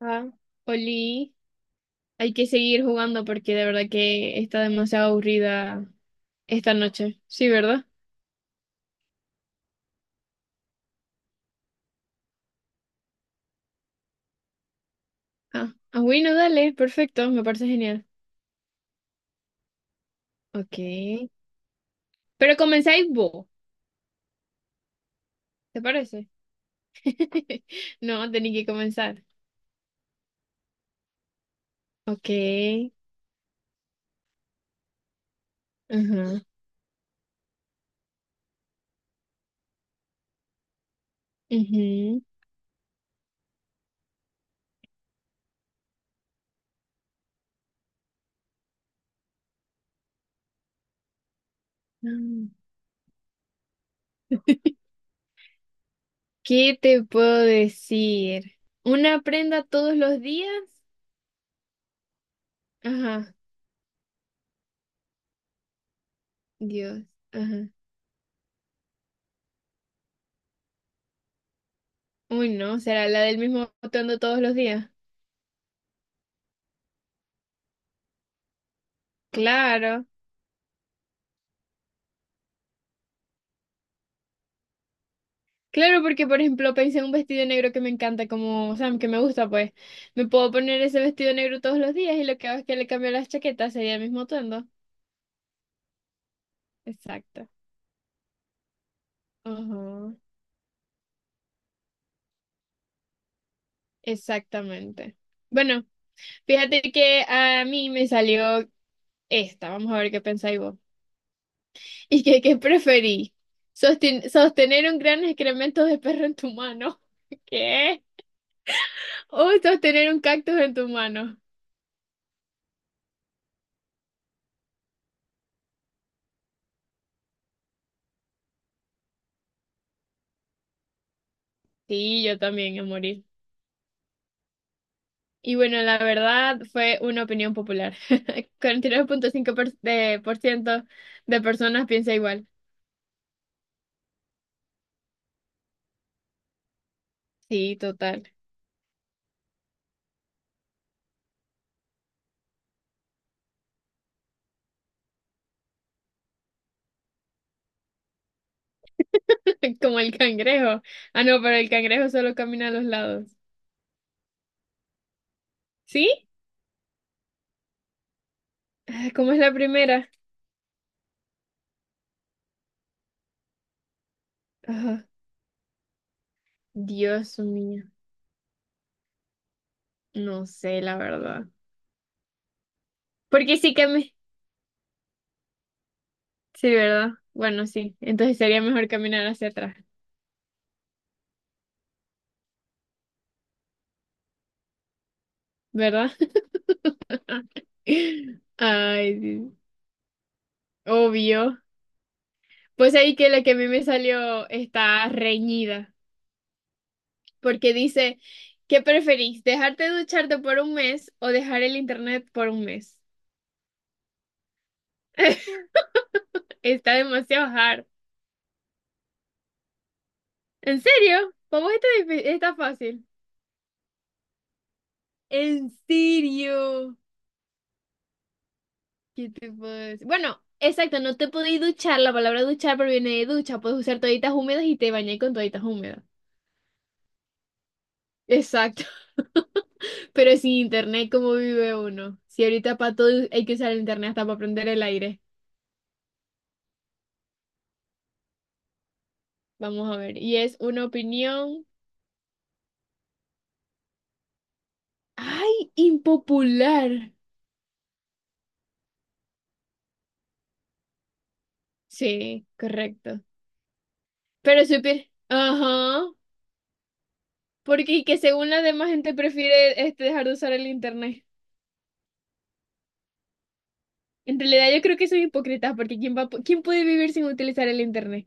Ah, Oli, hay que seguir jugando porque de verdad que está demasiado aburrida esta noche. Sí, ¿verdad? Ah, bueno, dale, perfecto, me parece genial. Ok. Pero comenzáis vos, ¿te parece? No, tenéis que comenzar. Ok. Ajá. ujú. Mm. ¿Qué te puedo decir? ¿Una prenda todos los días? Ajá, Dios. Ajá. Uy, no, ¿será la del mismo atuendo todos los días? Claro. Claro, porque por ejemplo pensé en un vestido negro que me encanta, como, o sea, que me gusta, pues me puedo poner ese vestido negro todos los días y lo que hago es que le cambio las chaquetas, sería el mismo atuendo. Exacto. Ajá, exactamente. Bueno, fíjate que a mí me salió esta, vamos a ver qué pensáis vos. ¿Y que qué preferí? Sostener un gran excremento de perro en tu mano. ¿Qué? O sostener un cactus en tu mano. Sí, yo también, a morir. Y bueno, la verdad fue una opinión popular. 49.5% de por ciento de personas piensa igual. Sí, total. Como el cangrejo. Ah, no, pero el cangrejo solo camina a los lados. ¿Sí? Ah, ¿cómo es la primera? Ah, Dios mío. No sé, la verdad. Porque sí que me... Sí, ¿verdad? Bueno, sí. Entonces sería mejor caminar hacia atrás, ¿verdad? Ay, sí. Obvio. Pues ahí que la que a mí me salió está reñida. Porque dice, ¿qué preferís? ¿Dejarte de ducharte por un mes o dejar el internet por un mes? Está demasiado hard. ¿En serio? ¿Para vos está, está fácil? ¿En serio? ¿Qué te puedo decir? Bueno, exacto, no te podéis duchar, la palabra duchar proviene de ducha, puedes usar toallitas húmedas y te bañáis con toallitas húmedas. Exacto, pero sin internet, ¿cómo vive uno? Si ahorita para todo hay que usar el internet hasta para prender el aire. Vamos a ver, y es una opinión. Ay, impopular. Sí, correcto. Pero supir, ajá, porque que según la demás gente prefiere este dejar de usar el internet. En realidad yo creo que son hipócritas porque quién va, quién puede vivir sin utilizar el internet.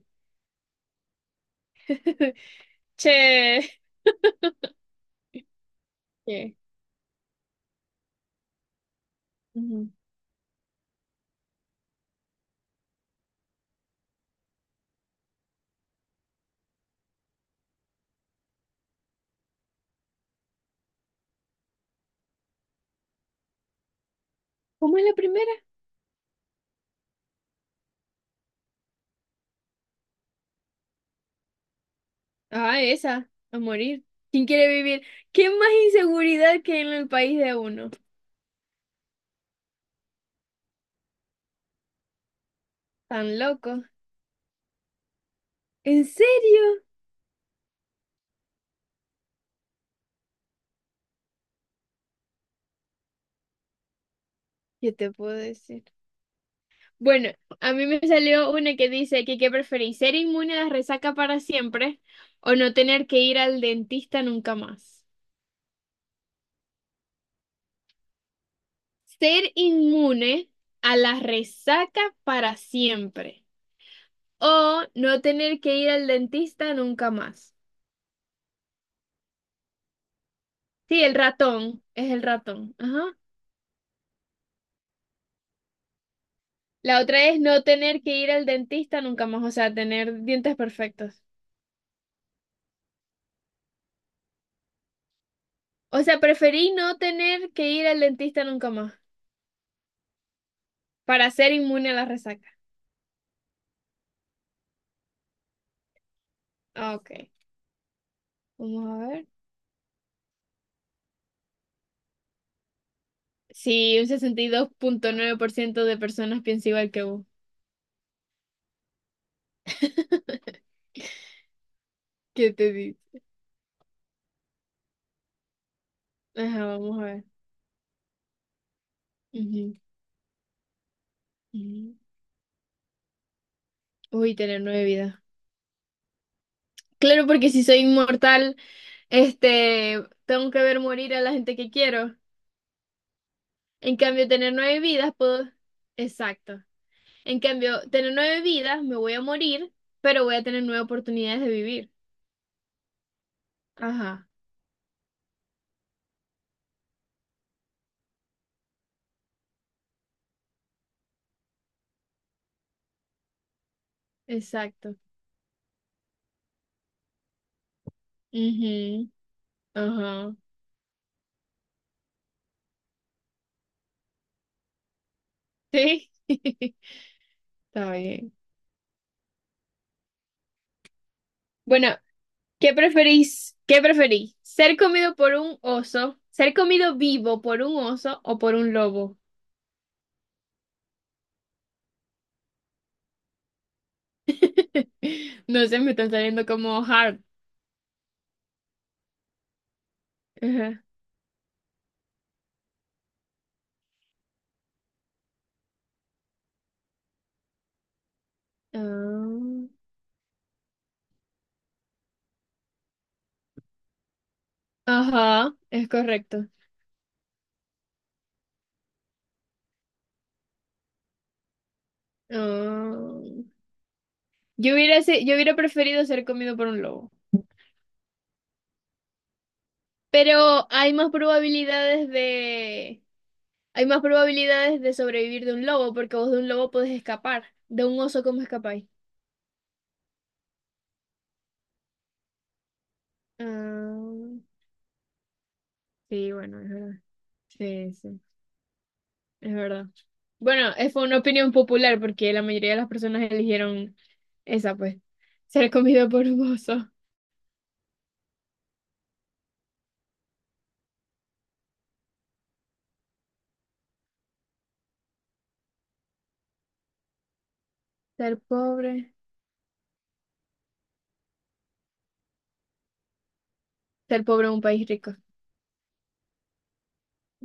Che. Che. Ujú. ¿Cómo es la primera? Ah, esa, a morir. ¿Quién quiere vivir? ¿Qué más inseguridad que en el país de uno? Tan loco. ¿En serio? Yo te puedo decir. Bueno, a mí me salió una que dice que qué preferís, ser inmune a la resaca para siempre o no tener que ir al dentista nunca más. Ser inmune a la resaca para siempre o no tener que ir al dentista nunca más. Sí, el ratón, es el ratón. Ajá. La otra es no tener que ir al dentista nunca más, o sea, tener dientes perfectos. O sea, preferí no tener que ir al dentista nunca más para ser inmune a la resaca. Ah, ok. Vamos a ver. Sí, un 62.9% de personas piensa igual que vos. ¿Qué te dice? Ajá, vamos a ver. Ujú, ujú. Uy, tener nueve vidas. Claro, porque si soy inmortal, este, tengo que ver morir a la gente que quiero. En cambio, tener nueve vidas, puedo... Exacto. En cambio, tener nueve vidas, me voy a morir, pero voy a tener nueve oportunidades de vivir. Ajá, exacto. Ujú, ajá. Sí. Está bien. Bueno, ¿Qué preferís? ¿Ser comido por un oso? ¿Ser comido vivo por un oso o por un lobo? No sé, me están saliendo como hard. Ajá. Ah, ajá, es correcto. Ah, yo hubiera preferido ser comido por un lobo. Pero hay más probabilidades de... Hay más probabilidades de sobrevivir de un lobo porque vos de un lobo podés escapar. De un oso, ¿cómo escapáis? Ah, sí, bueno, es verdad. Sí, sí. Es verdad. Bueno, fue una opinión popular porque la mayoría de las personas eligieron esa, pues. Ser comido por un oso. Ser pobre. Ser pobre en un país rico.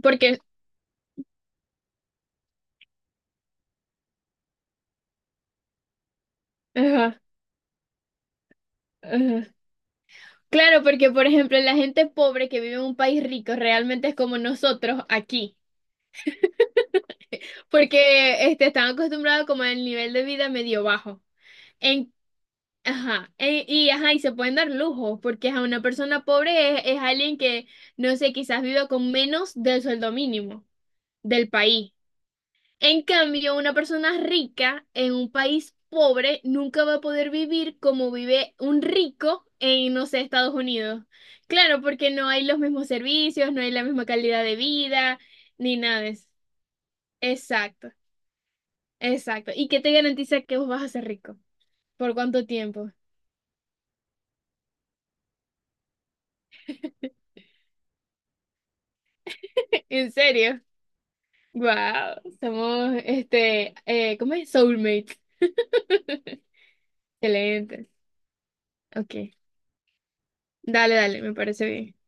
Porque, ajá, ajá. Claro, porque por ejemplo, la gente pobre que vive en un país rico realmente es como nosotros aquí. Porque este, están acostumbrados como al nivel de vida medio bajo. En, ajá, y ajá, y se pueden dar lujos, porque a una persona pobre es alguien que, no sé, quizás viva con menos del sueldo mínimo. Del país. En cambio, una persona rica en un país pobre nunca va a poder vivir como vive un rico en, no sé, Estados Unidos. Claro, porque no hay los mismos servicios, no hay la misma calidad de vida, ni nada de eso. Exacto, exacto. ¿Y qué te garantiza que vos vas a ser rico? ¿Por cuánto tiempo? ¿En serio? Wow, somos, este, ¿cómo es? Soulmates. Excelente. Ok. Dale, dale, me parece bien.